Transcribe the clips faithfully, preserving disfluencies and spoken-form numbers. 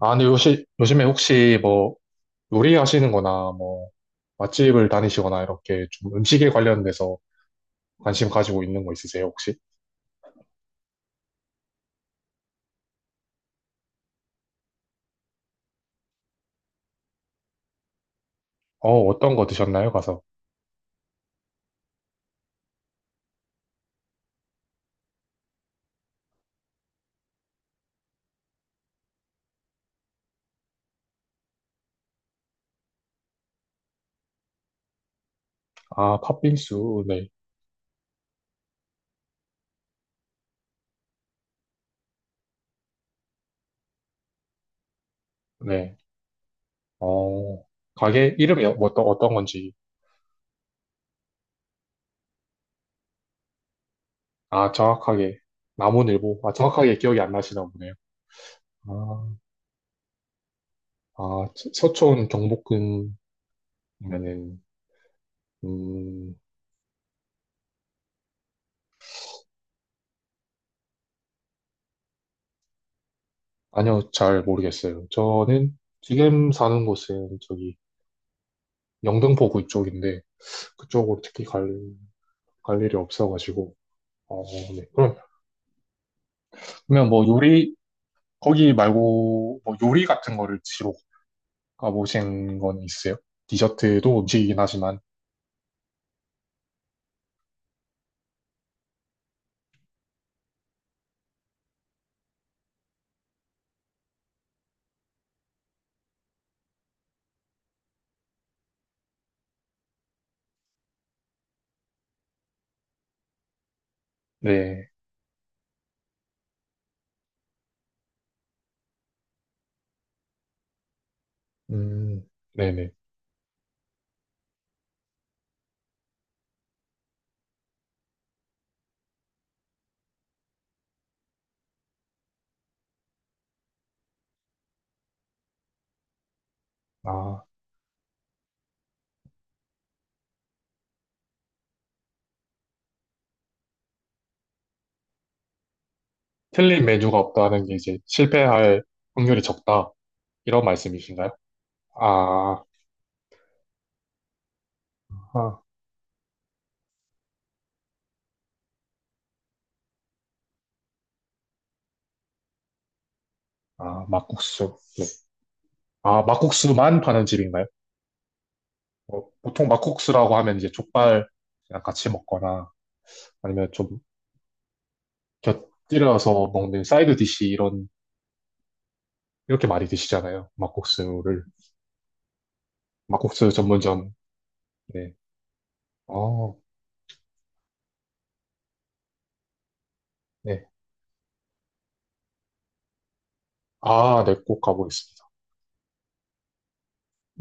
아, 근데 요시, 요즘에 혹시 뭐 요리하시는 거나 뭐 맛집을 다니시거나 이렇게 좀 음식에 관련돼서 관심 가지고 있는 거 있으세요, 혹시? 어, 어떤 거 드셨나요, 가서? 아, 팥빙수, 네, 네. 어, 가게 이름이 어- 어떤, 어떤 건지. 아, 정확하게. 남원일보. 아, 정확하게 기억이 안 나시나 보네요. 아, 아, 서- 서촌 경복궁이면은, 음, 아니요, 잘 모르겠어요. 저는 지금 사는 곳은 저기 영등포구 이쪽인데, 그쪽으로 특히 갈, 갈 일이 없어가지고. 어, 네. 그럼, 그러면 뭐 요리, 거기 말고 뭐 요리 같은 거를 드시러 가보신 건 있어요? 디저트도 음식이긴 하지만, 네. 음, 네네. 아, 틀린 메뉴가 없다는 게 이제 실패할 확률이 적다. 이런 말씀이신가요? 아, 아, 아, 막국수. 네. 아, 막국수만 파는 집인가요? 어, 보통 막국수라고 하면 이제 족발이랑 같이 먹거나 아니면 좀 곁들여서 먹는 사이드 디시 이런 이렇게 많이 드시잖아요. 막국수를 막국수 전문점. 네. 아, 네. 아, 네, 꼭 가보겠습니다.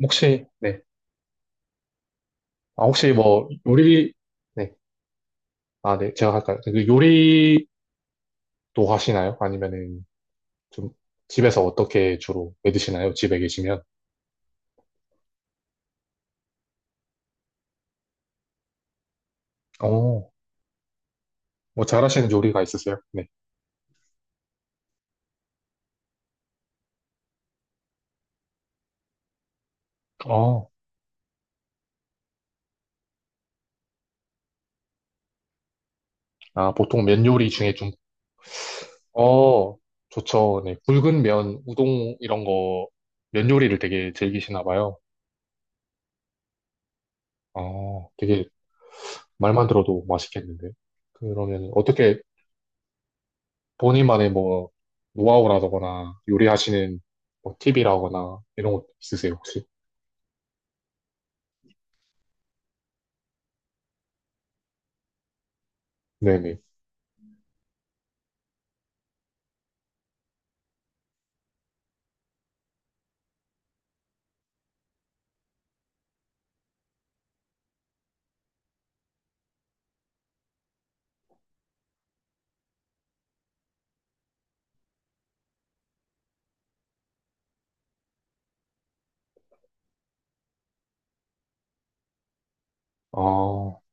혹시 네. 아, 혹시 뭐 요리 네. 아, 네. 제가 할까요? 그 요리도 하시나요? 아니면은 좀 집에서 어떻게 주로 해 드시나요? 집에 계시면. 어. 뭐 잘하시는 요리가 있으세요? 네. 어. 아, 보통 면 요리 중에 좀 어, 좋죠. 네, 굵은 면, 우동 이런 거, 면 요리를 되게 즐기시나 봐요. 어, 되게 말만 들어도 맛있겠는데. 그러면 어떻게 본인만의 뭐 노하우라거나 요리하시는 뭐 팁이라거나 이런 것 있으세요, 혹시? 네네. 아,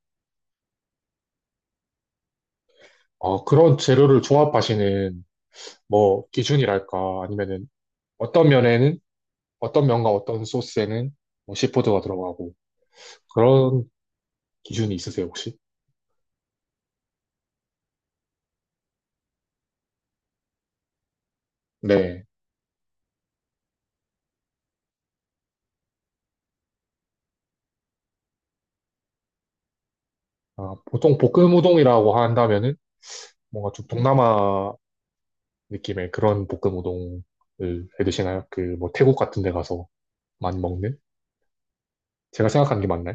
아, 그런 재료를 조합하시는 뭐 기준이랄까 아니면은 어떤 면에는 어떤 면과 어떤 소스에는 뭐 시푸드가 들어가고 그런 기준이 있으세요, 혹시? 네. 아, 보통 볶음 우동이라고 한다면은 뭔가 좀 동남아 느낌의 그런 볶음 우동을 해 드시나요? 그 뭐 태국 같은 데 가서 많이 먹는? 제가 생각한 게 맞나요?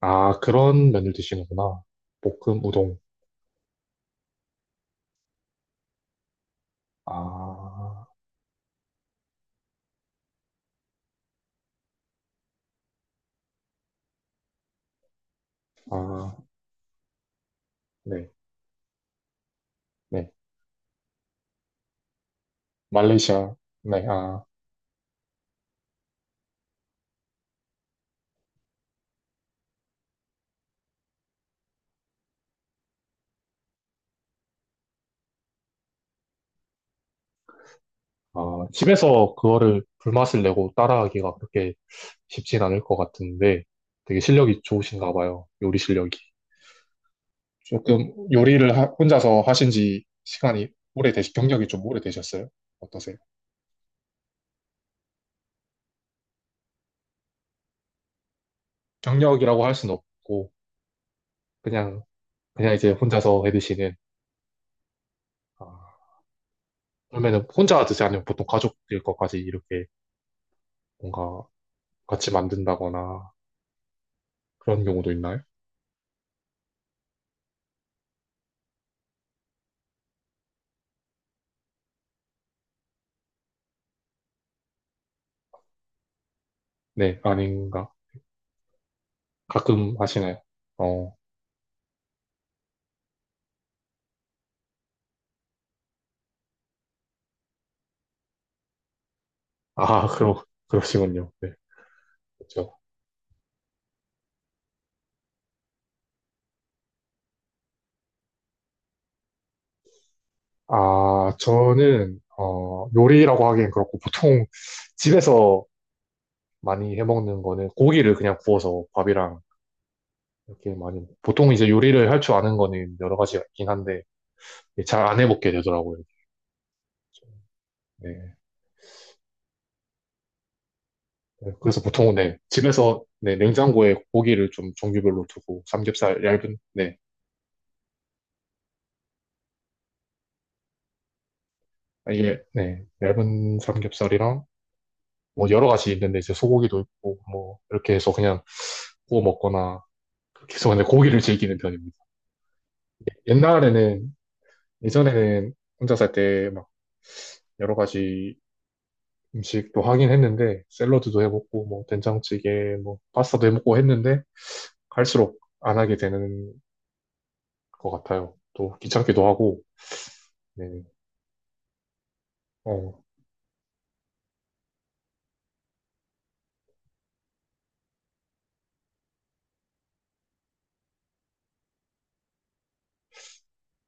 아, 그런 면을 드시는구나. 볶음 우동. 아, 아, 네, 네. 말레이시아. 네, 아, 아, 집에서 그거를 불맛을 내고 따라하기가 그렇게 쉽진 않을 것 같은데 되게 실력이 좋으신가 봐요. 요리 실력이. 조금 요리를 하- 혼자서 하신 지 시간이 오래되시, 경력이 좀 오래되셨어요? 어떠세요? 경력이라고 할 수는 없고, 그냥, 그냥 이제 혼자서 해드시는, 아, 그러면은 혼자 드세요? 아니면 보통 가족들 것까지 이렇게 뭔가 같이 만든다거나 그런 경우도 있나요? 네, 아닌가? 가끔 하시나요? 어, 아, 그러, 그러시군요. 네, 그렇죠. 아, 저는, 어, 요리라고 하기엔 그렇고, 보통 집에서 많이 해먹는 거는 고기를 그냥 구워서 밥이랑 이렇게 많이, 보통 이제 요리를 할 줄 아는 거는 여러 가지가 있긴 한데, 잘 안 해먹게 되더라고요. 네. 네. 그래서 보통은 네, 집에서 네, 냉장고에 고기를 좀 종류별로 두고, 삼겹살, 얇은, 네, 아, 이게, 네, 얇은 삼겹살이랑 뭐 여러 가지 있는데 이제 소고기도 있고, 뭐, 이렇게 해서 그냥 구워 먹거나, 그렇게 해서 그냥 고기를 즐기는 편입니다. 옛날에는, 예전에는 혼자 살 때 막 여러 가지 음식도 하긴 했는데 샐러드도 해먹고 뭐 된장찌개 뭐 파스타도 해먹고 했는데 갈수록 안 하게 되는 것 같아요. 또 귀찮기도 하고 네. 어,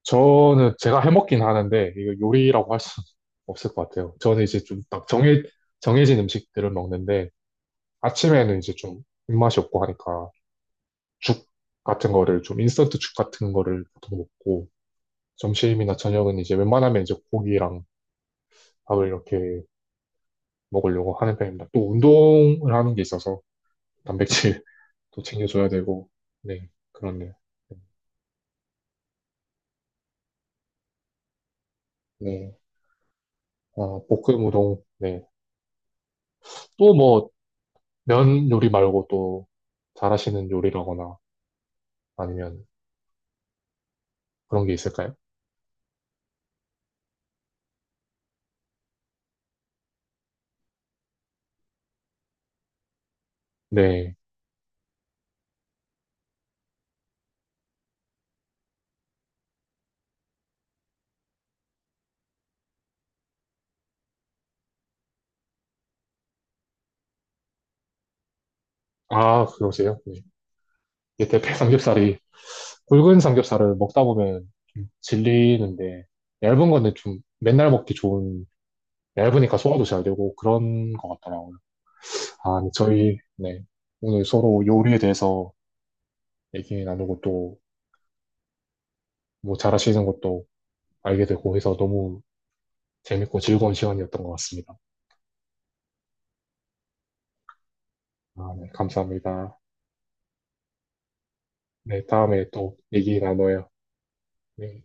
저는 제가 해먹긴 하는데 이거 요리라고 할 수 없을 것 같아요. 저는 이제 좀 딱 정해 정해진 음식들을 먹는데 아침에는 이제 좀 입맛이 없고 하니까 죽 같은 거를 좀 인스턴트 죽 같은 거를 보통 먹고 점심이나 저녁은 이제 웬만하면 이제 고기랑 밥을 이렇게 먹으려고 하는 편입니다. 또 운동을 하는 게 있어서 단백질도 챙겨줘야 되고, 네, 그렇네요. 네, 아, 볶음 우동, 네. 또 뭐, 면 요리 말고 또 잘하시는 요리라거나 아니면 그런 게 있을까요? 네. 아, 그러세요? 네. 이게 대패 삼겹살이, 굵은 삼겹살을 먹다 보면 좀 질리는데, 얇은 건데 좀 맨날 먹기 좋은, 얇으니까 소화도 잘 되고 그런 것 같더라고요. 아, 네, 저희, 네. 오늘 서로 요리에 대해서 얘기 나누고 또 뭐 잘하시는 것도 알게 되고 해서 너무 재밌고 즐거운 시간이었던 것 같습니다. 아, 네, 감사합니다. 네, 다음에 또 얘기 나눠요. 네.